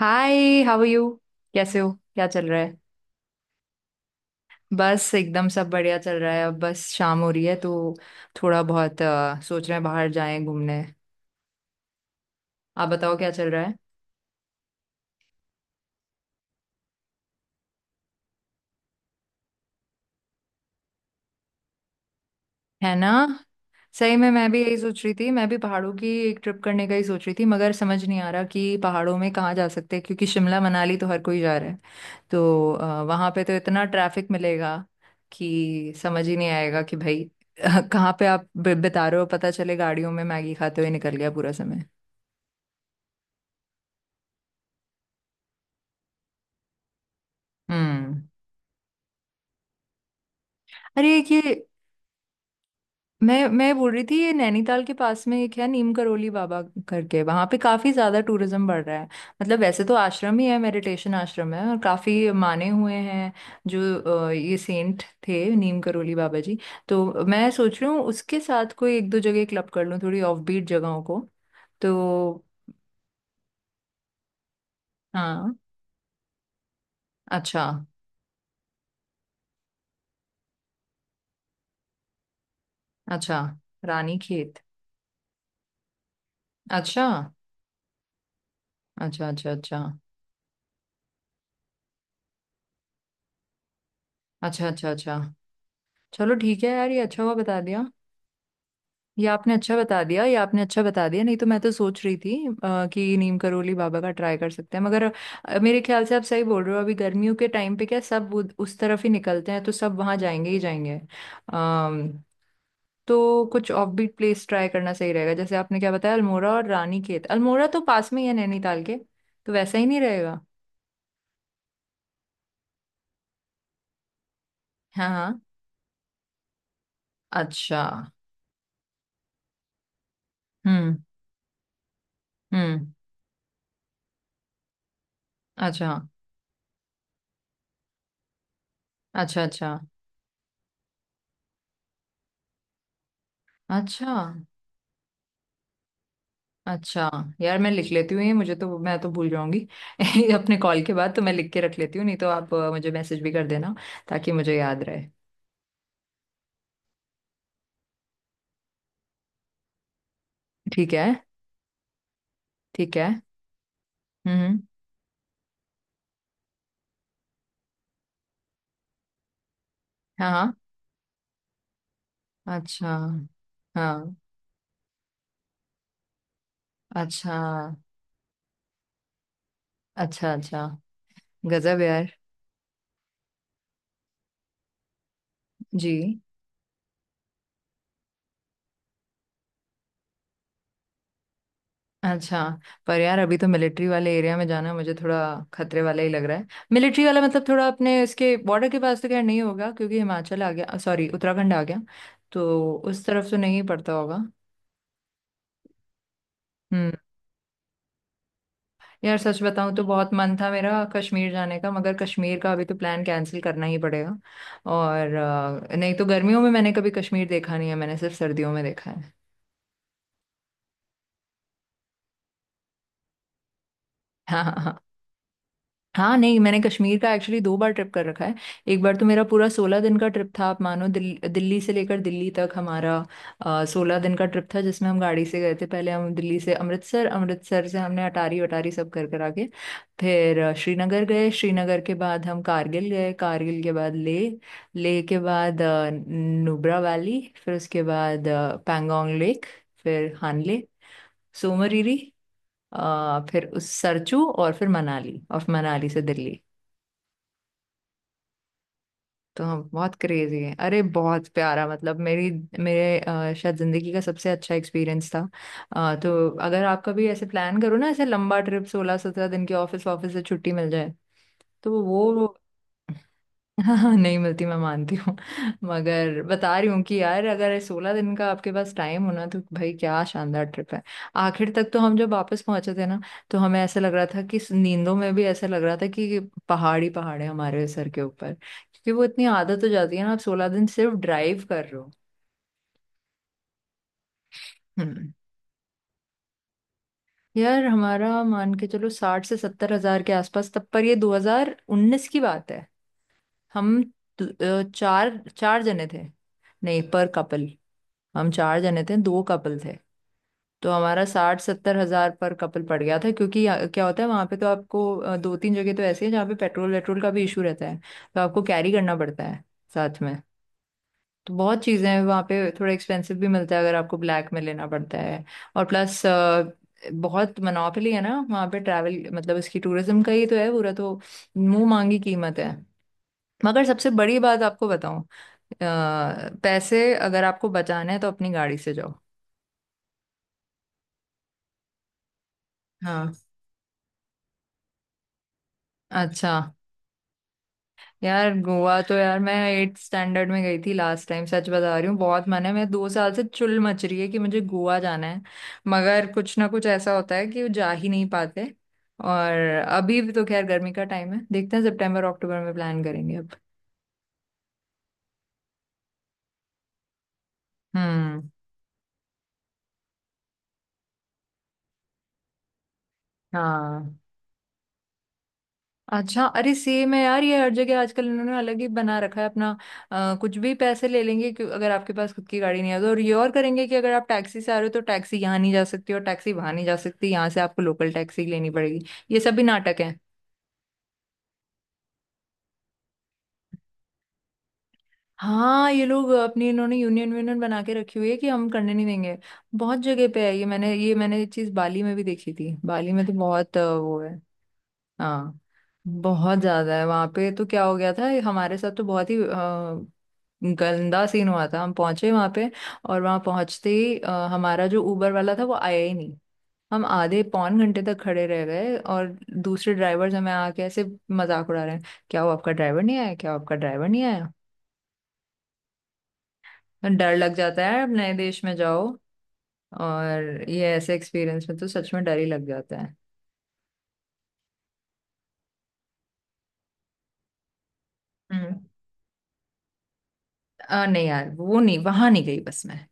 Hi how are you. कैसे हो, क्या चल रहा है? बस एकदम सब बढ़िया चल रहा है। अब बस शाम हो रही है, तो थोड़ा बहुत सोच रहे हैं बाहर जाएं घूमने। आप बताओ क्या चल रहा है? है ना। सही में मैं भी यही सोच रही थी, मैं भी पहाड़ों की एक ट्रिप करने का ही सोच रही थी, मगर समझ नहीं आ रहा कि पहाड़ों में कहाँ जा सकते हैं, क्योंकि शिमला मनाली तो हर कोई जा रहा है। तो वहाँ पे तो इतना ट्रैफिक मिलेगा कि समझ ही नहीं आएगा कि भाई कहाँ पे आप बिता रहे हो। पता चले गाड़ियों में मैगी खाते हुए निकल गया पूरा समय। हम्म। अरे एक ये, मैं बोल रही थी, ये नैनीताल के पास में एक है नीम करोली बाबा करके, वहां पे काफी ज्यादा टूरिज्म बढ़ रहा है। मतलब वैसे तो आश्रम ही है, मेडिटेशन आश्रम है, और काफी माने हुए हैं जो ये सेंट थे नीम करोली बाबा जी। तो मैं सोच रही हूँ उसके साथ कोई एक दो जगह क्लब कर लूँ, थोड़ी ऑफ बीट जगहों को। तो हाँ। अच्छा। अच्छा। रानी खेत। अच्छा, अच्छा, अच्छा। अच्छा, अच्छा, अच्छा, अच्छा। चलो ठीक है यार, ये अच्छा हुआ बता दिया। ये आपने अच्छा बता दिया, ये आपने अच्छा बता दिया, नहीं तो मैं तो सोच रही थी कि नीम करोली बाबा का ट्राई कर सकते हैं, मगर मेरे ख्याल से आप सही बोल रहे हो। अभी गर्मियों के टाइम पे क्या सब उस तरफ ही निकलते हैं, तो सब वहां जाएंगे ही जाएंगे। अम्म तो कुछ ऑफबीट प्लेस ट्राई करना सही रहेगा, जैसे आपने क्या बताया, अल्मोड़ा और रानीखेत। अल्मोड़ा तो पास में ही है नैनीताल के, तो वैसा ही नहीं रहेगा? हाँ हाँ। अच्छा। हम्म हम्म। अच्छा, अच्छा, अच्छा। अच्छा, अच्छा। यार मैं लिख लेती हूँ, ये मुझे तो मैं तो भूल जाऊंगी अपने कॉल के बाद, तो मैं लिख के रख लेती हूँ, नहीं तो आप मुझे मैसेज भी कर देना, ताकि मुझे याद रहे। ठीक है। ठीक है। हम्म हम्म। हाँ हाँ। अच्छा। हाँ। अच्छा, अच्छा, अच्छा। गजब यार। जी। अच्छा। पर यार, अभी तो मिलिट्री वाले एरिया में जाना मुझे थोड़ा खतरे वाला ही लग रहा है। मिलिट्री वाला मतलब थोड़ा अपने इसके बॉर्डर के पास, तो खैर नहीं होगा, क्योंकि हिमाचल आ गया, सॉरी उत्तराखंड आ गया, तो उस तरफ तो नहीं पड़ता होगा। हम्म। यार सच बताऊं तो बहुत मन था मेरा कश्मीर जाने का, मगर कश्मीर का अभी तो प्लान कैंसिल करना ही पड़ेगा। और नहीं तो गर्मियों में मैंने कभी कश्मीर देखा नहीं है, मैंने सिर्फ सर्दियों में देखा है। हाँ हाँ। नहीं मैंने कश्मीर का एक्चुअली दो बार ट्रिप कर रखा है। एक बार तो मेरा पूरा 16 दिन का ट्रिप था। आप मानो, दिल्ली से लेकर दिल्ली तक हमारा 16 दिन का ट्रिप था, जिसमें हम गाड़ी से गए थे। पहले हम दिल्ली से अमृतसर, अमृतसर से हमने अटारी वटारी सब कर कर आके, फिर श्रीनगर गए, श्रीनगर के बाद हम कारगिल गए, कारगिल के बाद ले, ले के बाद नुब्रा वैली, फिर उसके बाद पैंगोंग लेक, फिर हानले, सोमरीरी, फिर उस सरचू, और फिर मनाली, और फिर मनाली से दिल्ली। तो हम बहुत क्रेजी है, अरे बहुत प्यारा। मतलब मेरी, मेरे शायद जिंदगी का सबसे अच्छा एक्सपीरियंस था। तो अगर आप कभी ऐसे प्लान करो ना, ऐसे लंबा ट्रिप 16 17 दिन की, ऑफिस ऑफिस से छुट्टी मिल जाए, तो वो। हाँ हाँ, नहीं मिलती, मैं मानती हूँ, मगर बता रही हूँ कि यार अगर 16 दिन का आपके पास टाइम हो ना, तो भाई क्या शानदार ट्रिप है। आखिर तक तो हम जब वापस पहुंचे थे ना, तो हमें ऐसा लग रहा था, कि नींदों में भी ऐसा लग रहा था कि पहाड़ ही पहाड़ है हमारे सर के ऊपर, क्योंकि वो इतनी आदत हो जाती है ना, आप 16 दिन सिर्फ ड्राइव कर रहे हो। हम्म। यार हमारा मान के चलो 60 से 70 हजार के आसपास, तब पर, ये 2019 की बात है। हम चार चार जने थे। नहीं पर कपल, हम चार जने थे, दो कपल थे। तो हमारा 60 70 हजार पर कपल पड़ गया था। क्योंकि क्या होता है, वहां पे तो आपको दो तीन जगह तो ऐसी है जहाँ पे पेट्रोल वेट्रोल का भी इशू रहता है, तो आपको कैरी करना पड़ता है साथ में। तो बहुत चीज़ें हैं वहाँ पे, थोड़ा एक्सपेंसिव भी मिलता है, अगर आपको ब्लैक में लेना पड़ता है। और प्लस बहुत मोनोपोली है ना वहाँ पे ट्रैवल। मतलब इसकी टूरिज्म का ही तो है पूरा, तो मुंह मांगी कीमत है। मगर सबसे बड़ी बात आपको बताऊं, पैसे अगर आपको बचाने हैं तो अपनी गाड़ी से जाओ। हाँ। अच्छा। यार गोवा तो यार मैं एट स्टैंडर्ड में गई थी लास्ट टाइम, सच बता रही हूँ। बहुत मन है, मैं 2 साल से चुल मच रही है कि मुझे गोवा जाना है, मगर कुछ ना कुछ ऐसा होता है कि वो जा ही नहीं पाते। और अभी भी तो खैर गर्मी का टाइम है, देखते हैं सितंबर अक्टूबर में प्लान करेंगे अब। हम्म। हाँ। अच्छा। अरे सेम है यार, ये हर जगह आजकल इन्होंने अलग ही बना रखा है अपना। कुछ भी पैसे ले लेंगे, क्यों? अगर आपके पास खुद की गाड़ी नहीं है तो। और ये और करेंगे कि अगर आप टैक्सी से आ रहे हो, तो टैक्सी यहाँ नहीं जा सकती और टैक्सी वहां नहीं जा सकती, यहाँ से आपको लोकल टैक्सी लेनी पड़ेगी। ये सब भी नाटक है। हाँ, ये लोग अपनी इन्होंने यूनियन यूनियन बना के रखी हुई है कि हम करने नहीं देंगे। बहुत जगह पे है ये मैंने ये चीज बाली में भी देखी थी। बाली में तो बहुत वो है। हाँ, बहुत ज्यादा है वहां पे। तो क्या हो गया था हमारे साथ, तो बहुत ही गंदा सीन हुआ था। हम पहुंचे वहां पे, और वहां पहुंचते ही हमारा जो उबर वाला था वो आया ही नहीं। हम आधे पौन घंटे तक खड़े रह गए, और दूसरे ड्राइवर्स हमें आके ऐसे मजाक उड़ा रहे हैं, क्या वो आपका ड्राइवर नहीं आया, क्या वो आपका ड्राइवर नहीं आया। तो डर लग जाता है, अब नए देश में जाओ, और ये ऐसे एक्सपीरियंस में तो सच में डर ही लग जाता है। हम्म। नहीं यार, वो नहीं, वहां नहीं गई बस मैं।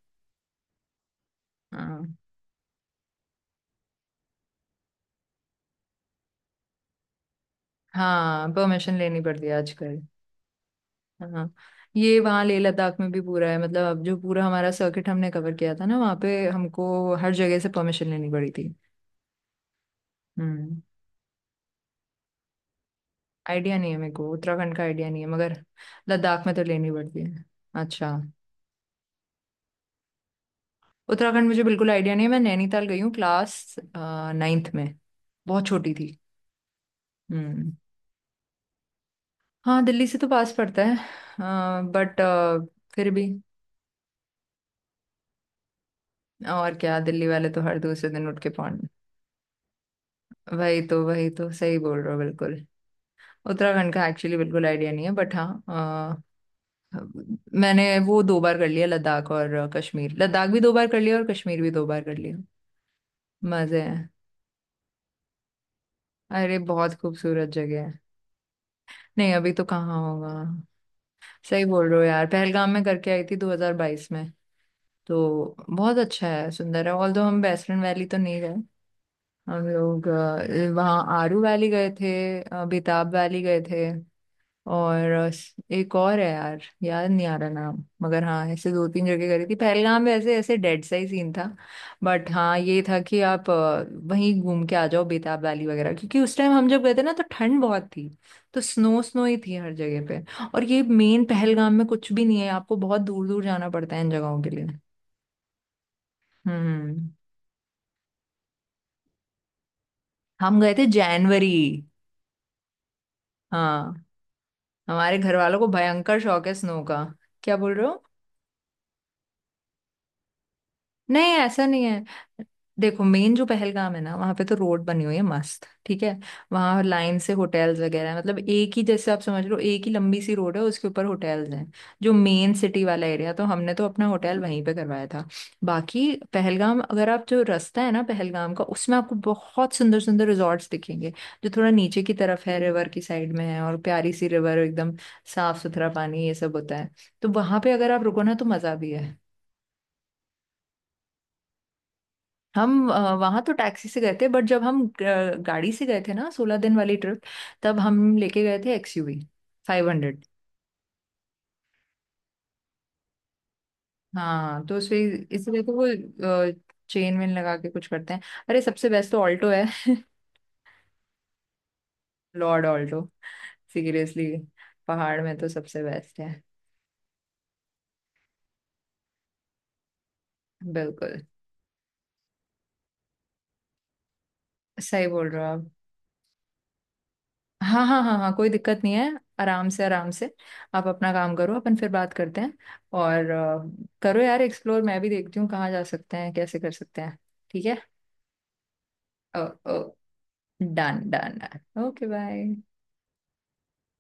हाँ। हाँ परमिशन लेनी पड़ती है आजकल। हाँ, ये वहाँ लेह लद्दाख में भी पूरा है। मतलब अब जो पूरा हमारा सर्किट हमने कवर किया था ना, वहाँ पे हमको हर जगह से परमिशन लेनी पड़ी थी। हम्म। आइडिया नहीं है मेरे को, उत्तराखंड का आइडिया नहीं है मगर लद्दाख में तो लेनी पड़ती है। अच्छा। उत्तराखंड मुझे बिल्कुल आइडिया नहीं है। मैं नैनीताल गई हूँ क्लास 9th में, बहुत छोटी थी। हम्म। हाँ दिल्ली से तो पास पड़ता है, बट फिर भी। और क्या, दिल्ली वाले तो हर दूसरे दिन उठ के पहुंच। वही तो, वही तो, सही बोल रहे हो बिल्कुल। उत्तराखंड का एक्चुअली बिल्कुल आइडिया नहीं है, बट हाँ मैंने वो दो बार कर लिया, लद्दाख और कश्मीर, लद्दाख भी दो बार कर लिया और कश्मीर भी दो बार कर लिया। मजे हैं। अरे बहुत खूबसूरत जगह है। नहीं अभी तो कहाँ होगा। सही बोल रहे हो यार, पहलगाम में करके आई थी 2022 में। तो बहुत अच्छा है, सुंदर है। ऑल्दो हम बेसरन वैली तो नहीं गए। हम लोग वहाँ आरू वैली गए थे, बेताब वैली गए थे, और एक और है यार, याद नहीं आ रहा नाम, मगर हाँ, ऐसे दो तीन जगह करी थी पहलगाम में। ऐसे ऐसे डेड सा ही सीन था, बट हाँ ये था कि आप वहीं घूम के आ जाओ बेताब वैली वगैरह, क्योंकि उस टाइम हम जब गए थे ना, तो ठंड बहुत थी, तो स्नो स्नो ही थी हर जगह पे। और ये मेन पहलगाम में कुछ भी नहीं है, आपको बहुत दूर दूर जाना पड़ता है इन जगहों के लिए। हम्म। हम गए थे जनवरी। हाँ, हमारे घर वालों को भयंकर शौक है स्नो का। क्या बोल रहे हो? नहीं ऐसा नहीं है। देखो मेन जो पहलगाम है ना, वहां पे तो रोड बनी हुई है मस्त, ठीक है। वहां लाइन से होटल्स वगैरह हैं। मतलब एक ही, जैसे आप समझ लो एक ही लंबी सी रोड है, उसके ऊपर होटल्स हैं जो मेन सिटी वाला एरिया, तो हमने तो अपना होटल वहीं पे करवाया था। बाकी पहलगाम, अगर आप जो रास्ता है ना पहलगाम का, उसमें आपको बहुत सुंदर सुंदर रिजॉर्ट्स दिखेंगे, जो थोड़ा नीचे की तरफ है, रिवर की साइड में है, और प्यारी सी रिवर एकदम साफ सुथरा पानी, ये सब होता है। तो वहां पे अगर आप रुको ना, तो मजा भी है। हम वहां तो टैक्सी से गए थे, बट जब हम गाड़ी से गए थे ना 16 दिन वाली ट्रिप, तब हम लेके गए थे एक्सयूवी 500। हाँ तो उसमें, इसलिए तो वो चेन वेन लगा के कुछ करते हैं। अरे सबसे बेस्ट तो ऑल्टो है। Lord Alto. सीरियसली, पहाड़ में तो सबसे बेस्ट है। बिल्कुल सही बोल रहे हो आप। हाँ हाँ हाँ हाँ, कोई दिक्कत नहीं है। आराम से, आराम से। आप अपना काम करो, अपन फिर बात करते हैं। और करो यार एक्सप्लोर, मैं भी देखती हूँ कहाँ जा सकते हैं, कैसे कर सकते हैं। ठीक है। ओ, ओ, done done done, okay bye.